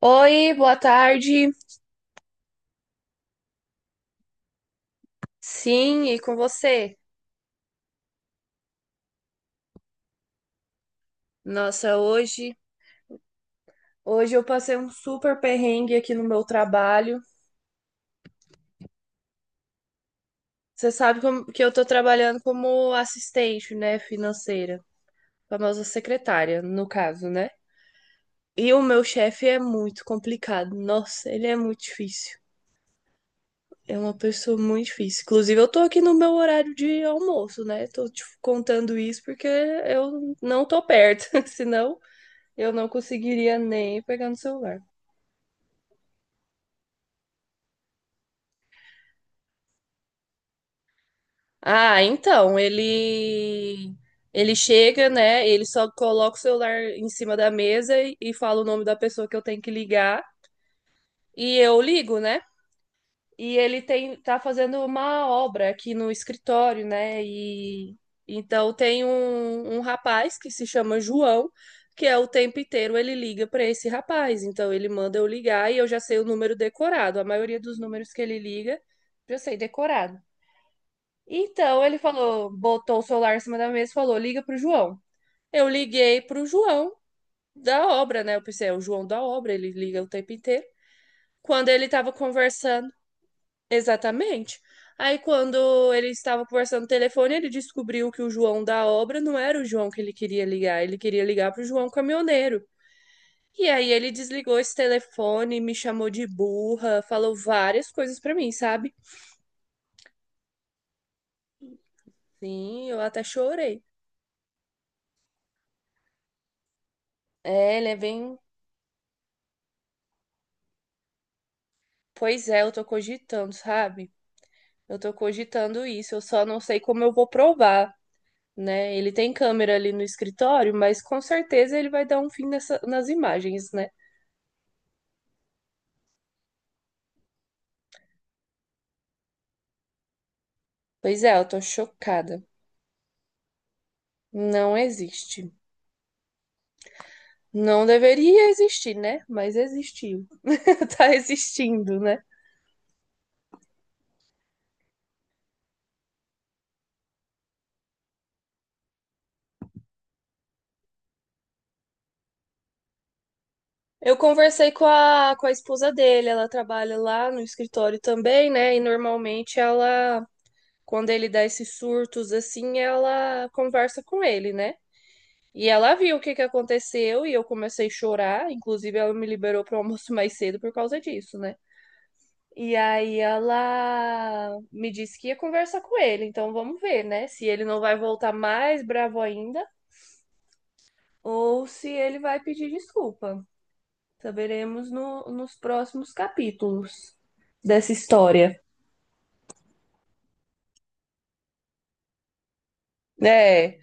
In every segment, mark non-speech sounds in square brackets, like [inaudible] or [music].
Oi, boa tarde. Sim, e com você? Nossa, hoje eu passei um super perrengue aqui no meu trabalho. Você sabe que eu tô trabalhando como assistente, né, financeira, famosa secretária, no caso, né? E o meu chefe é muito complicado. Nossa, ele é muito difícil. É uma pessoa muito difícil. Inclusive, eu tô aqui no meu horário de almoço, né? Tô te contando isso porque eu não tô perto, [laughs] senão eu não conseguiria nem pegar no celular. Ah, então, ele chega, né? Ele só coloca o celular em cima da mesa e fala o nome da pessoa que eu tenho que ligar e eu ligo, né? E ele tem tá fazendo uma obra aqui no escritório, né? E então tem um rapaz que se chama João, que é o tempo inteiro ele liga para esse rapaz. Então ele manda eu ligar e eu já sei o número decorado. A maioria dos números que ele liga, eu já sei decorado. Então ele falou, botou o celular em cima da mesa e falou: liga pro João. Eu liguei pro João da obra, né? Eu pensei, é o João da obra, ele liga o tempo inteiro. Quando ele tava conversando, exatamente. Aí quando ele estava conversando no telefone, ele descobriu que o João da obra não era o João que ele queria ligar pro João caminhoneiro. E aí ele desligou esse telefone, me chamou de burra, falou várias coisas pra mim, sabe? Sim, eu até chorei. É, ele é bem. Pois é, eu tô cogitando, sabe? Eu tô cogitando isso, eu só não sei como eu vou provar, né? Ele tem câmera ali no escritório, mas com certeza ele vai dar um fim nas imagens, né? Pois é, eu tô chocada. Não existe. Não deveria existir, né? Mas existiu. [laughs] Tá existindo, né? Eu conversei com com a esposa dele, ela trabalha lá no escritório também, né? E normalmente ela, quando ele dá esses surtos assim, ela conversa com ele, né? E ela viu o que que aconteceu e eu comecei a chorar. Inclusive, ela me liberou para o almoço [laughs] mais cedo por causa disso, né? E aí ela me disse que ia conversar com ele. Então vamos ver, né? Se ele não vai voltar mais bravo ainda ou se ele vai pedir desculpa. Saberemos nos próximos capítulos dessa história. É.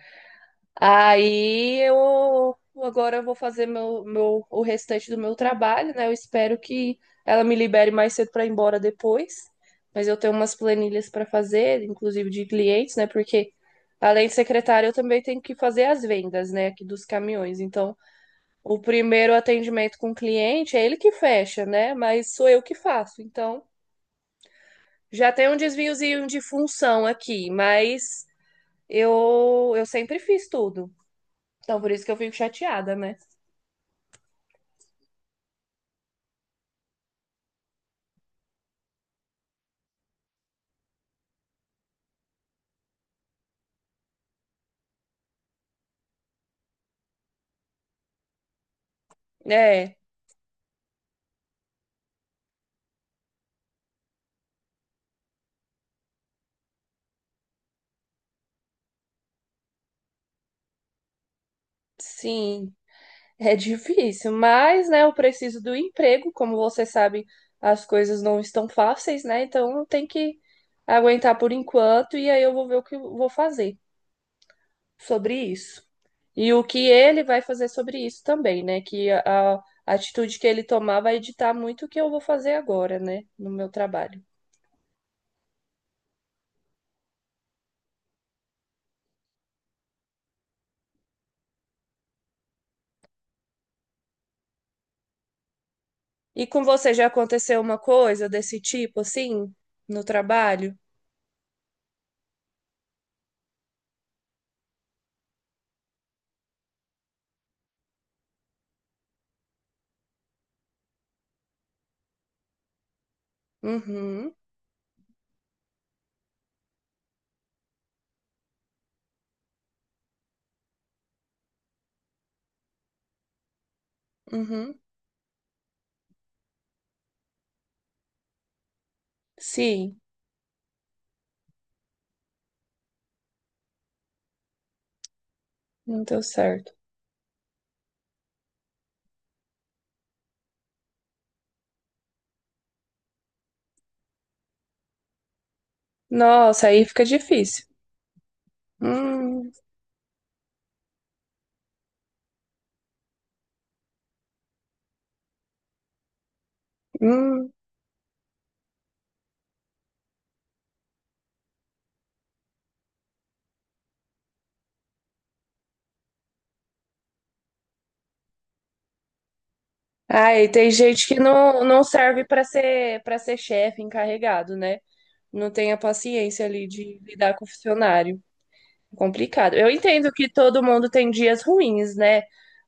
Aí eu agora eu vou fazer o restante do meu trabalho, né? Eu espero que ela me libere mais cedo para ir embora depois. Mas eu tenho umas planilhas para fazer, inclusive de clientes, né? Porque além de secretária, eu também tenho que fazer as vendas, né? Aqui dos caminhões. Então, o primeiro atendimento com o cliente é ele que fecha, né? Mas sou eu que faço. Então, já tem um desviozinho de função aqui, mas eu sempre fiz tudo. Então, por isso que eu fico chateada, né? É, sim, é difícil, mas, né, eu preciso do emprego, como você sabe, as coisas não estão fáceis, né? Então eu tenho que aguentar por enquanto e aí eu vou ver o que eu vou fazer sobre isso. E o que ele vai fazer sobre isso também, né? A atitude que ele tomar vai ditar muito o que eu vou fazer agora, né, no meu trabalho. E com você já aconteceu uma coisa desse tipo, assim, no trabalho? Uhum, uhum. Sim, não deu certo. Nossa, aí fica difícil. Hum, hum. Aí tem gente que não, não serve para ser chefe encarregado, né? Não tem a paciência ali de lidar com o funcionário. Complicado. Eu entendo que todo mundo tem dias ruins, né?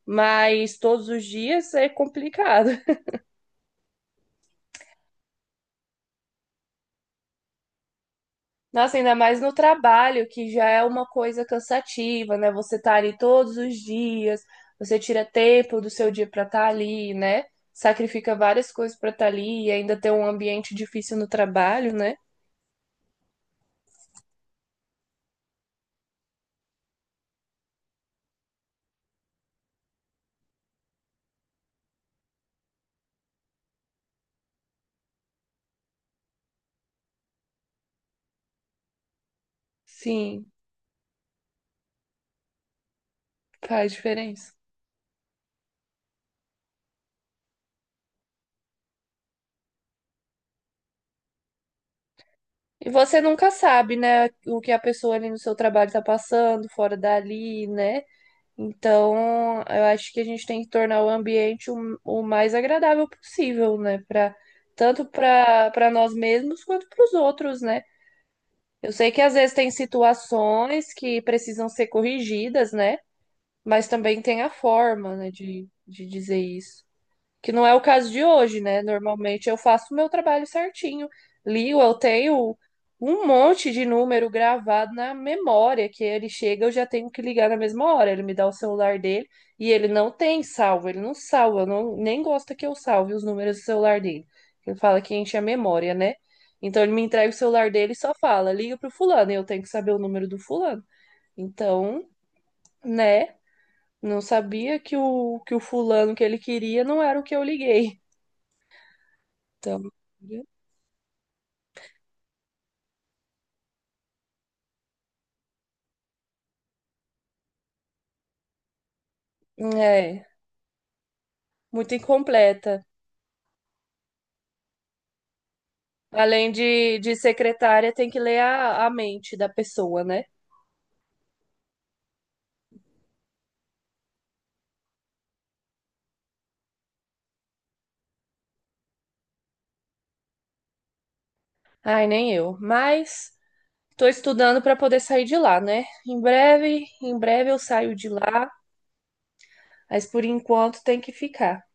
Mas todos os dias é complicado. Nossa, ainda mais no trabalho, que já é uma coisa cansativa, né? Você tá ali todos os dias, você tira tempo do seu dia para estar ali, né? Sacrifica várias coisas para estar ali e ainda ter um ambiente difícil no trabalho, né? Sim, faz diferença. E você nunca sabe, né, o que a pessoa ali no seu trabalho tá passando, fora dali, né? Então, eu acho que a gente tem que tornar o ambiente o mais agradável possível, né? Pra, tanto para nós mesmos quanto para os outros, né? Eu sei que às vezes tem situações que precisam ser corrigidas, né? Mas também tem a forma, né, de dizer isso. Que não é o caso de hoje, né? Normalmente eu faço o meu trabalho certinho. Ligo, eu tenho um monte de número gravado na memória que ele chega, eu já tenho que ligar na mesma hora. Ele me dá o celular dele e ele não tem salvo, ele não salva, não, nem gosta que eu salve os números do celular dele. Ele fala que enche a memória, né? Então ele me entrega o celular dele e só fala: liga pro fulano, e eu tenho que saber o número do fulano. Então, né? Não sabia que que o fulano que ele queria não era o que eu liguei. Então, é muito incompleta. Além de secretária, tem que ler a mente da pessoa, né? Ai, nem eu. Mas tô estudando para poder sair de lá, né? Em breve eu saio de lá, mas por enquanto tem que ficar.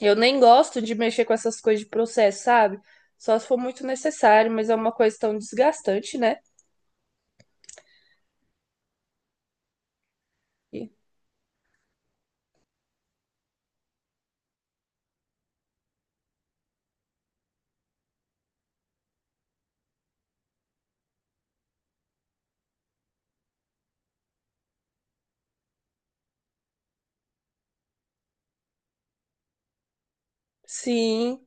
Eu nem gosto de mexer com essas coisas de processo, sabe? Só se for muito necessário, mas é uma coisa tão desgastante, né? E- sim.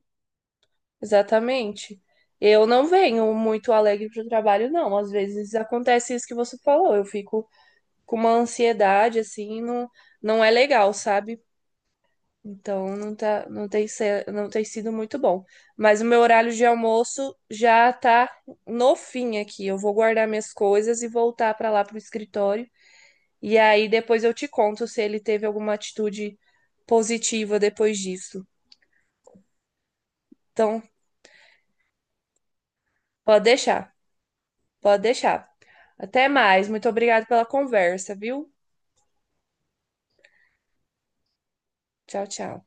Exatamente. Eu não venho muito alegre para o trabalho, não. Às vezes acontece isso que você falou. Eu fico com uma ansiedade, assim, não, não é legal, sabe? Então não tem sido muito bom. Mas o meu horário de almoço já tá no fim aqui. Eu vou guardar minhas coisas e voltar para lá pro escritório. E aí depois eu te conto se ele teve alguma atitude positiva depois disso. Então, pode deixar, pode deixar. Até mais. Muito obrigada pela conversa, viu? Tchau, tchau.